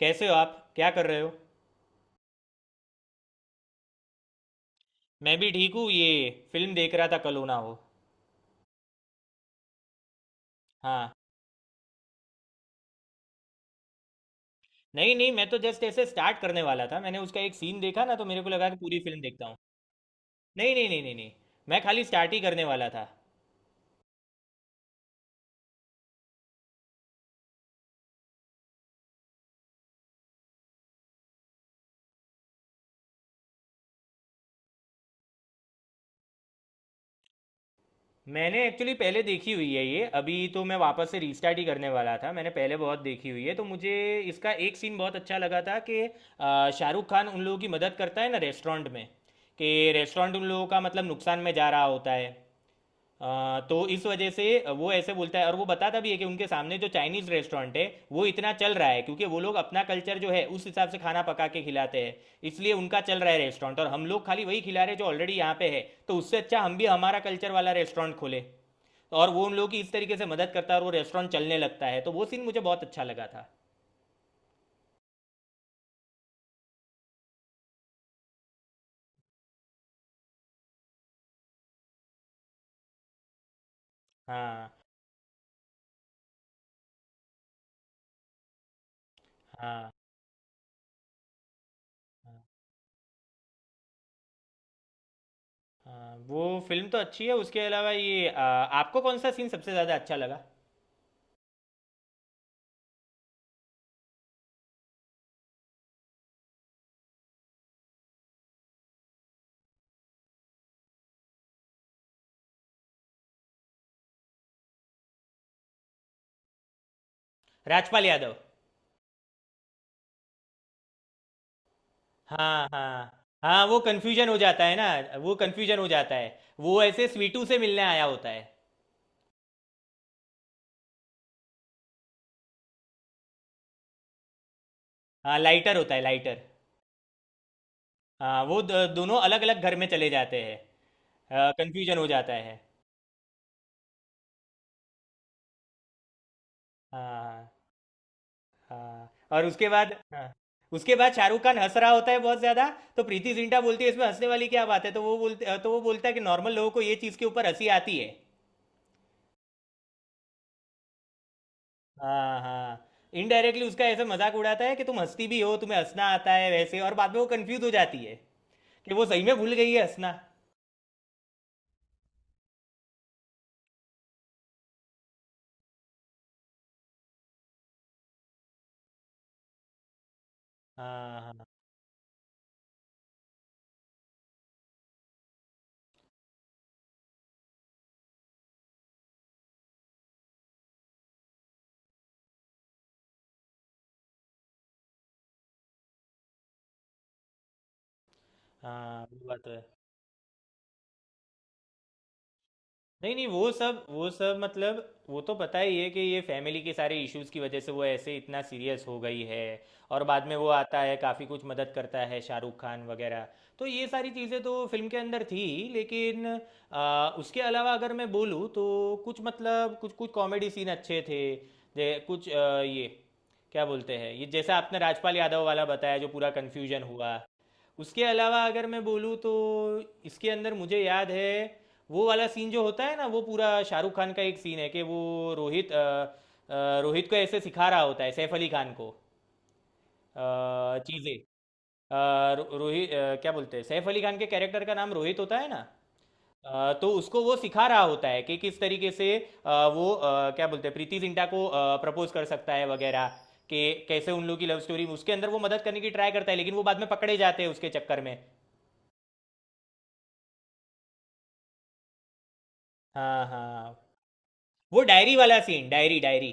कैसे हो आप? क्या कर रहे हो? मैं भी ठीक हूँ। ये फिल्म देख रहा था, कल हो ना हो। हाँ। नहीं, नहीं, मैं तो जस्ट ऐसे स्टार्ट करने वाला था। मैंने उसका एक सीन देखा ना, तो मेरे को लगा कि पूरी फिल्म देखता हूँ। नहीं, नहीं, नहीं, नहीं, नहीं। मैं खाली स्टार्ट ही करने वाला था। मैंने एक्चुअली पहले देखी हुई है ये, अभी तो मैं वापस से रीस्टार्ट ही करने वाला था। मैंने पहले बहुत देखी हुई है तो मुझे इसका एक सीन बहुत अच्छा लगा था कि शाहरुख खान उन लोगों की मदद करता है ना, रेस्टोरेंट में। कि रेस्टोरेंट उन लोगों का मतलब नुकसान में जा रहा होता है। तो इस वजह से वो ऐसे बोलता है, और वो बताता भी है कि उनके सामने जो चाइनीज रेस्टोरेंट है, वो इतना चल रहा है क्योंकि वो लोग अपना कल्चर जो है उस हिसाब से खाना पका के खिलाते हैं। इसलिए उनका चल रहा है रेस्टोरेंट, और हम लोग खाली वही खिला रहे हैं जो ऑलरेडी यहाँ पे है। तो उससे अच्छा हम भी हमारा कल्चर वाला रेस्टोरेंट खोले, और वो उन लोगों की इस तरीके से मदद करता है और वो रेस्टोरेंट चलने लगता है, तो वो सीन मुझे बहुत अच्छा लगा था। हाँ। हाँ। हाँ, वो फिल्म तो अच्छी है। उसके अलावा ये आपको कौन सा सीन सबसे ज़्यादा अच्छा लगा? राजपाल यादव। हाँ, हाँ। हाँ, वो कंफ्यूजन हो जाता है ना, वो कंफ्यूजन हो जाता है। वो ऐसे स्वीटू से मिलने आया होता है। हाँ, लाइटर होता है, लाइटर। हाँ, वो दोनों अलग अलग घर में चले जाते हैं। कंफ्यूजन हो जाता है। हाँ, हाँ, और उसके बाद हाँ, उसके बाद शाहरुख खान हंस रहा होता है बहुत ज्यादा। तो प्रीति जिंटा बोलती है इसमें हंसने वाली क्या बात है, तो वो बोलते, तो वो बोलता है कि नॉर्मल लोगों को ये चीज़ के ऊपर हंसी आती है। हाँ, हाँ। इनडायरेक्टली उसका ऐसे मजाक उड़ाता है कि तुम हंसती भी हो, तुम्हें हंसना आता है वैसे, और बाद में वो कंफ्यूज हो जाती है कि वो सही में भूल गई है हंसना। हाँ, हाँ, हाँ। हाँ, वो बात तो है। नहीं, नहीं, वो सब मतलब वो तो पता ही है कि ये फैमिली के सारे इश्यूज की वजह से वो ऐसे इतना सीरियस हो गई है। और बाद में वो आता है, काफ़ी कुछ मदद करता है शाहरुख खान वगैरह। तो ये सारी चीज़ें तो फिल्म के अंदर थी, लेकिन उसके अलावा अगर मैं बोलूँ तो कुछ मतलब कुछ कुछ कॉमेडी सीन अच्छे थे। जे कुछ ये क्या बोलते हैं, ये जैसा आपने राजपाल यादव वाला बताया जो पूरा कन्फ्यूजन हुआ। उसके अलावा अगर मैं बोलूँ तो इसके अंदर मुझे याद है वो वाला सीन जो होता है ना, वो पूरा शाहरुख खान का एक सीन है कि वो रोहित रोहित को ऐसे सिखा रहा होता है, सैफ अली खान को। अ, चीजें। क्या बोलते हैं, सैफ अली खान के कैरेक्टर का नाम रोहित होता है ना। तो उसको वो सिखा रहा होता है कि किस तरीके से वो क्या बोलते हैं प्रीति जिंटा को प्रपोज कर सकता है वगैरह। कि कैसे उन लोगों की लव स्टोरी, उसके अंदर वो मदद करने की ट्राई करता है लेकिन वो बाद में पकड़े जाते हैं उसके चक्कर में। हाँ, हाँ। वो डायरी वाला सीन, डायरी डायरी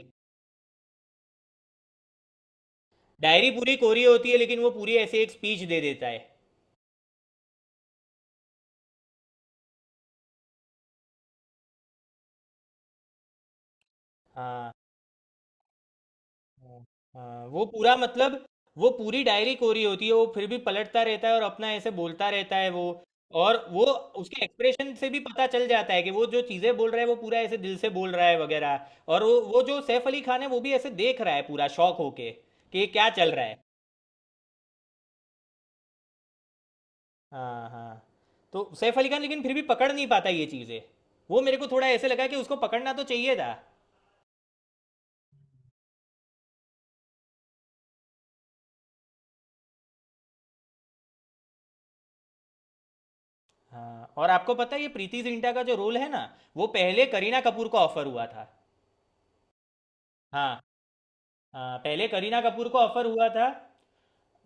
डायरी पूरी कोरी होती है लेकिन वो पूरी ऐसे एक स्पीच दे देता है। हाँ, हाँ। हाँ, वो पूरा मतलब वो पूरी डायरी कोरी होती है, वो फिर भी पलटता रहता है और अपना ऐसे बोलता रहता है वो। और वो उसके एक्सप्रेशन से भी पता चल जाता है कि वो जो चीज़ें बोल रहा है वो पूरा ऐसे दिल से बोल रहा है वगैरह। और वो जो सैफ अली खान है, वो भी ऐसे देख रहा है पूरा शौक होके कि ये क्या चल रहा है। हाँ, हाँ। तो सैफ अली खान लेकिन फिर भी पकड़ नहीं पाता ये चीज़ें, वो मेरे को थोड़ा ऐसे लगा कि उसको पकड़ना तो चाहिए था। हाँ। और आपको पता है ये प्रीति जिंटा का जो रोल है ना, वो पहले करीना कपूर को ऑफर हुआ था। हाँ। हाँ, पहले करीना कपूर को ऑफर हुआ था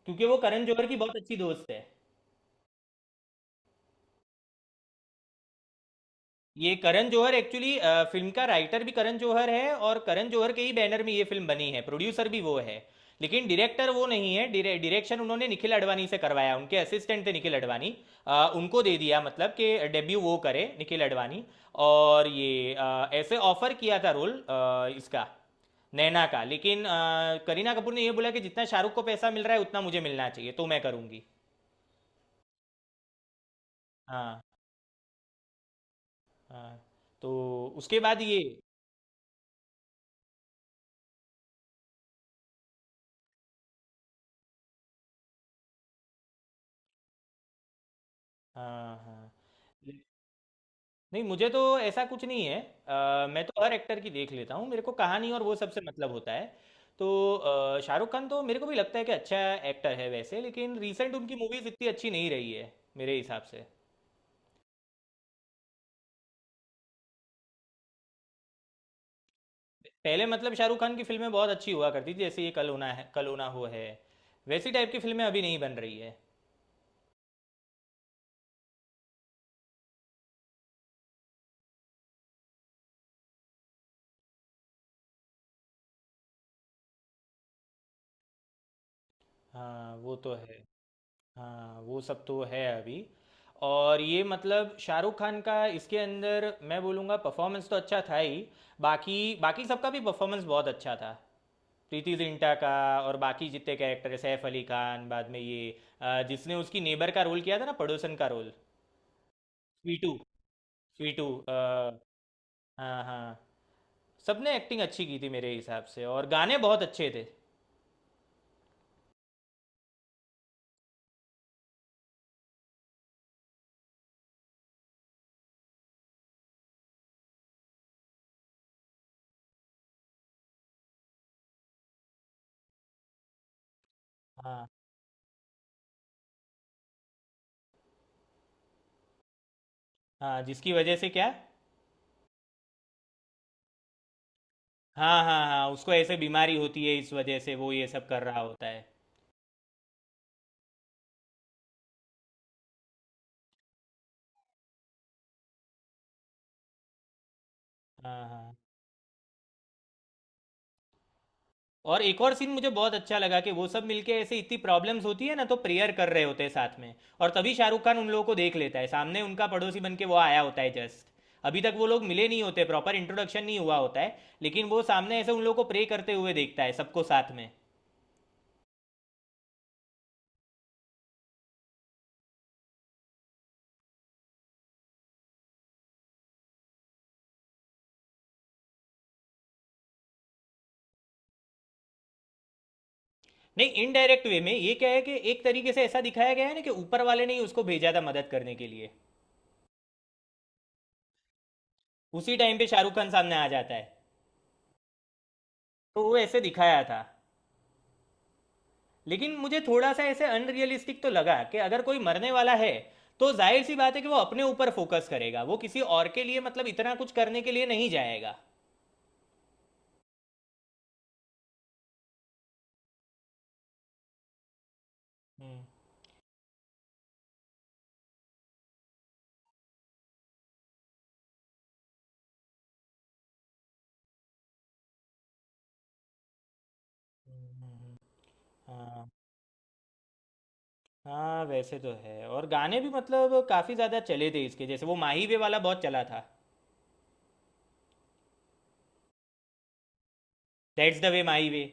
क्योंकि वो करण जौहर की बहुत अच्छी दोस्त है। ये करण जौहर एक्चुअली, फिल्म का राइटर भी करण जौहर है और करण जौहर के ही बैनर में ये फिल्म बनी है, प्रोड्यूसर भी वो है, लेकिन डायरेक्टर वो नहीं है। डायरेक्शन उन्होंने निखिल अडवाणी से करवाया, उनके असिस्टेंट थे निखिल अडवाणी। उनको दे दिया, मतलब कि डेब्यू वो करे निखिल अडवाणी। और ये ऐसे ऑफर किया था रोल इसका, नैना का। लेकिन करीना कपूर ने ये बोला कि जितना शाहरुख को पैसा मिल रहा है उतना मुझे मिलना चाहिए तो मैं करूँगी। हाँ। हाँ, तो उसके बाद ये हाँ, हाँ। नहीं, मुझे तो ऐसा कुछ नहीं है। मैं तो हर एक्टर की देख लेता हूँ, मेरे को कहानी और वो सबसे मतलब होता है। तो शाहरुख खान तो मेरे को भी लगता है कि अच्छा एक्टर है वैसे, लेकिन रिसेंट उनकी मूवीज इतनी अच्छी नहीं रही है, मेरे हिसाब से। पहले मतलब शाहरुख खान की फिल्में बहुत अच्छी हुआ करती थी, जैसे ये कल होना है, कल होना हो है, वैसी टाइप की फिल्में अभी नहीं बन रही है। हाँ, वो तो है। हाँ, वो सब तो है अभी। और ये मतलब शाहरुख खान का इसके अंदर मैं बोलूँगा परफॉर्मेंस तो अच्छा था ही, बाकी बाकी सबका भी परफॉर्मेंस बहुत अच्छा था। प्रीति जिंटा का, और बाकी जितने कैरेक्टर है, सैफ अली खान, बाद में ये जिसने उसकी नेबर का रोल किया था ना, पड़ोसन का रोल। स्वीटू। स्वीटू हाँ, हाँ। सबने एक्टिंग अच्छी की थी मेरे हिसाब से, और गाने बहुत अच्छे थे। हाँ, हाँ। जिसकी वजह से क्या? हाँ, हाँ, हाँ, उसको ऐसे बीमारी होती है, इस वजह से वो ये सब कर रहा होता है। हाँ, हाँ। और एक और सीन मुझे बहुत अच्छा लगा कि वो सब मिलके ऐसे इतनी प्रॉब्लम्स होती है ना, तो प्रेयर कर रहे होते हैं साथ में। और तभी शाहरुख खान उन लोगों को देख लेता है सामने, उनका पड़ोसी बन के वो आया होता है जस्ट। अभी तक वो लोग मिले नहीं होते, प्रॉपर इंट्रोडक्शन नहीं हुआ होता है, लेकिन वो सामने ऐसे उन लोगों को प्रे करते हुए देखता है सबको साथ में। नहीं, इनडायरेक्ट वे में ये क्या है कि एक तरीके से ऐसा दिखाया गया है ना कि ऊपर वाले ने ही उसको भेजा था मदद करने के लिए। उसी टाइम पे शाहरुख खान सामने आ जाता है। तो वो ऐसे दिखाया था, लेकिन मुझे थोड़ा सा ऐसे अनरियलिस्टिक तो लगा कि अगर कोई मरने वाला है तो जाहिर सी बात है कि वो अपने ऊपर फोकस करेगा, वो किसी और के लिए मतलब इतना कुछ करने के लिए नहीं जाएगा। हम्म। हाँ, हाँ, वैसे तो है। और गाने भी मतलब काफ़ी ज़्यादा चले थे इसके, जैसे वो माही वे वाला बहुत चला था। दैट्स द वे माही वे।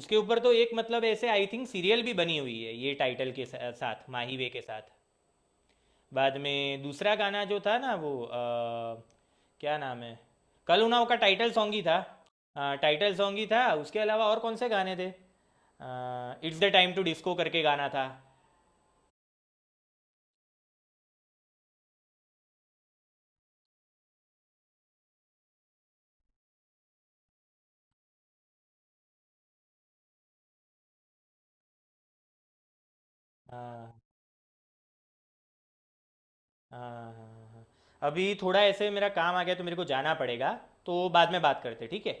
उसके ऊपर तो एक मतलब ऐसे आई थिंक सीरियल भी बनी हुई है ये टाइटल के साथ, माही वे के साथ। बाद में दूसरा गाना जो था ना वो क्या नाम है, कल उनाव का टाइटल सॉन्ग ही था। टाइटल सॉन्ग ही था, उसके अलावा और कौन से गाने थे? It's the time to disco करके गाना था। हाँ, हाँ, हाँ, हाँ। अभी थोड़ा ऐसे मेरा काम आ गया तो मेरे को जाना पड़ेगा, तो बाद में बात करते, ठीक है?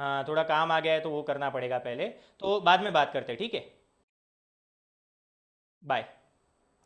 हाँ, थोड़ा काम आ गया है तो वो करना पड़ेगा पहले। तो बाद में बात करते, ठीक है? बाय।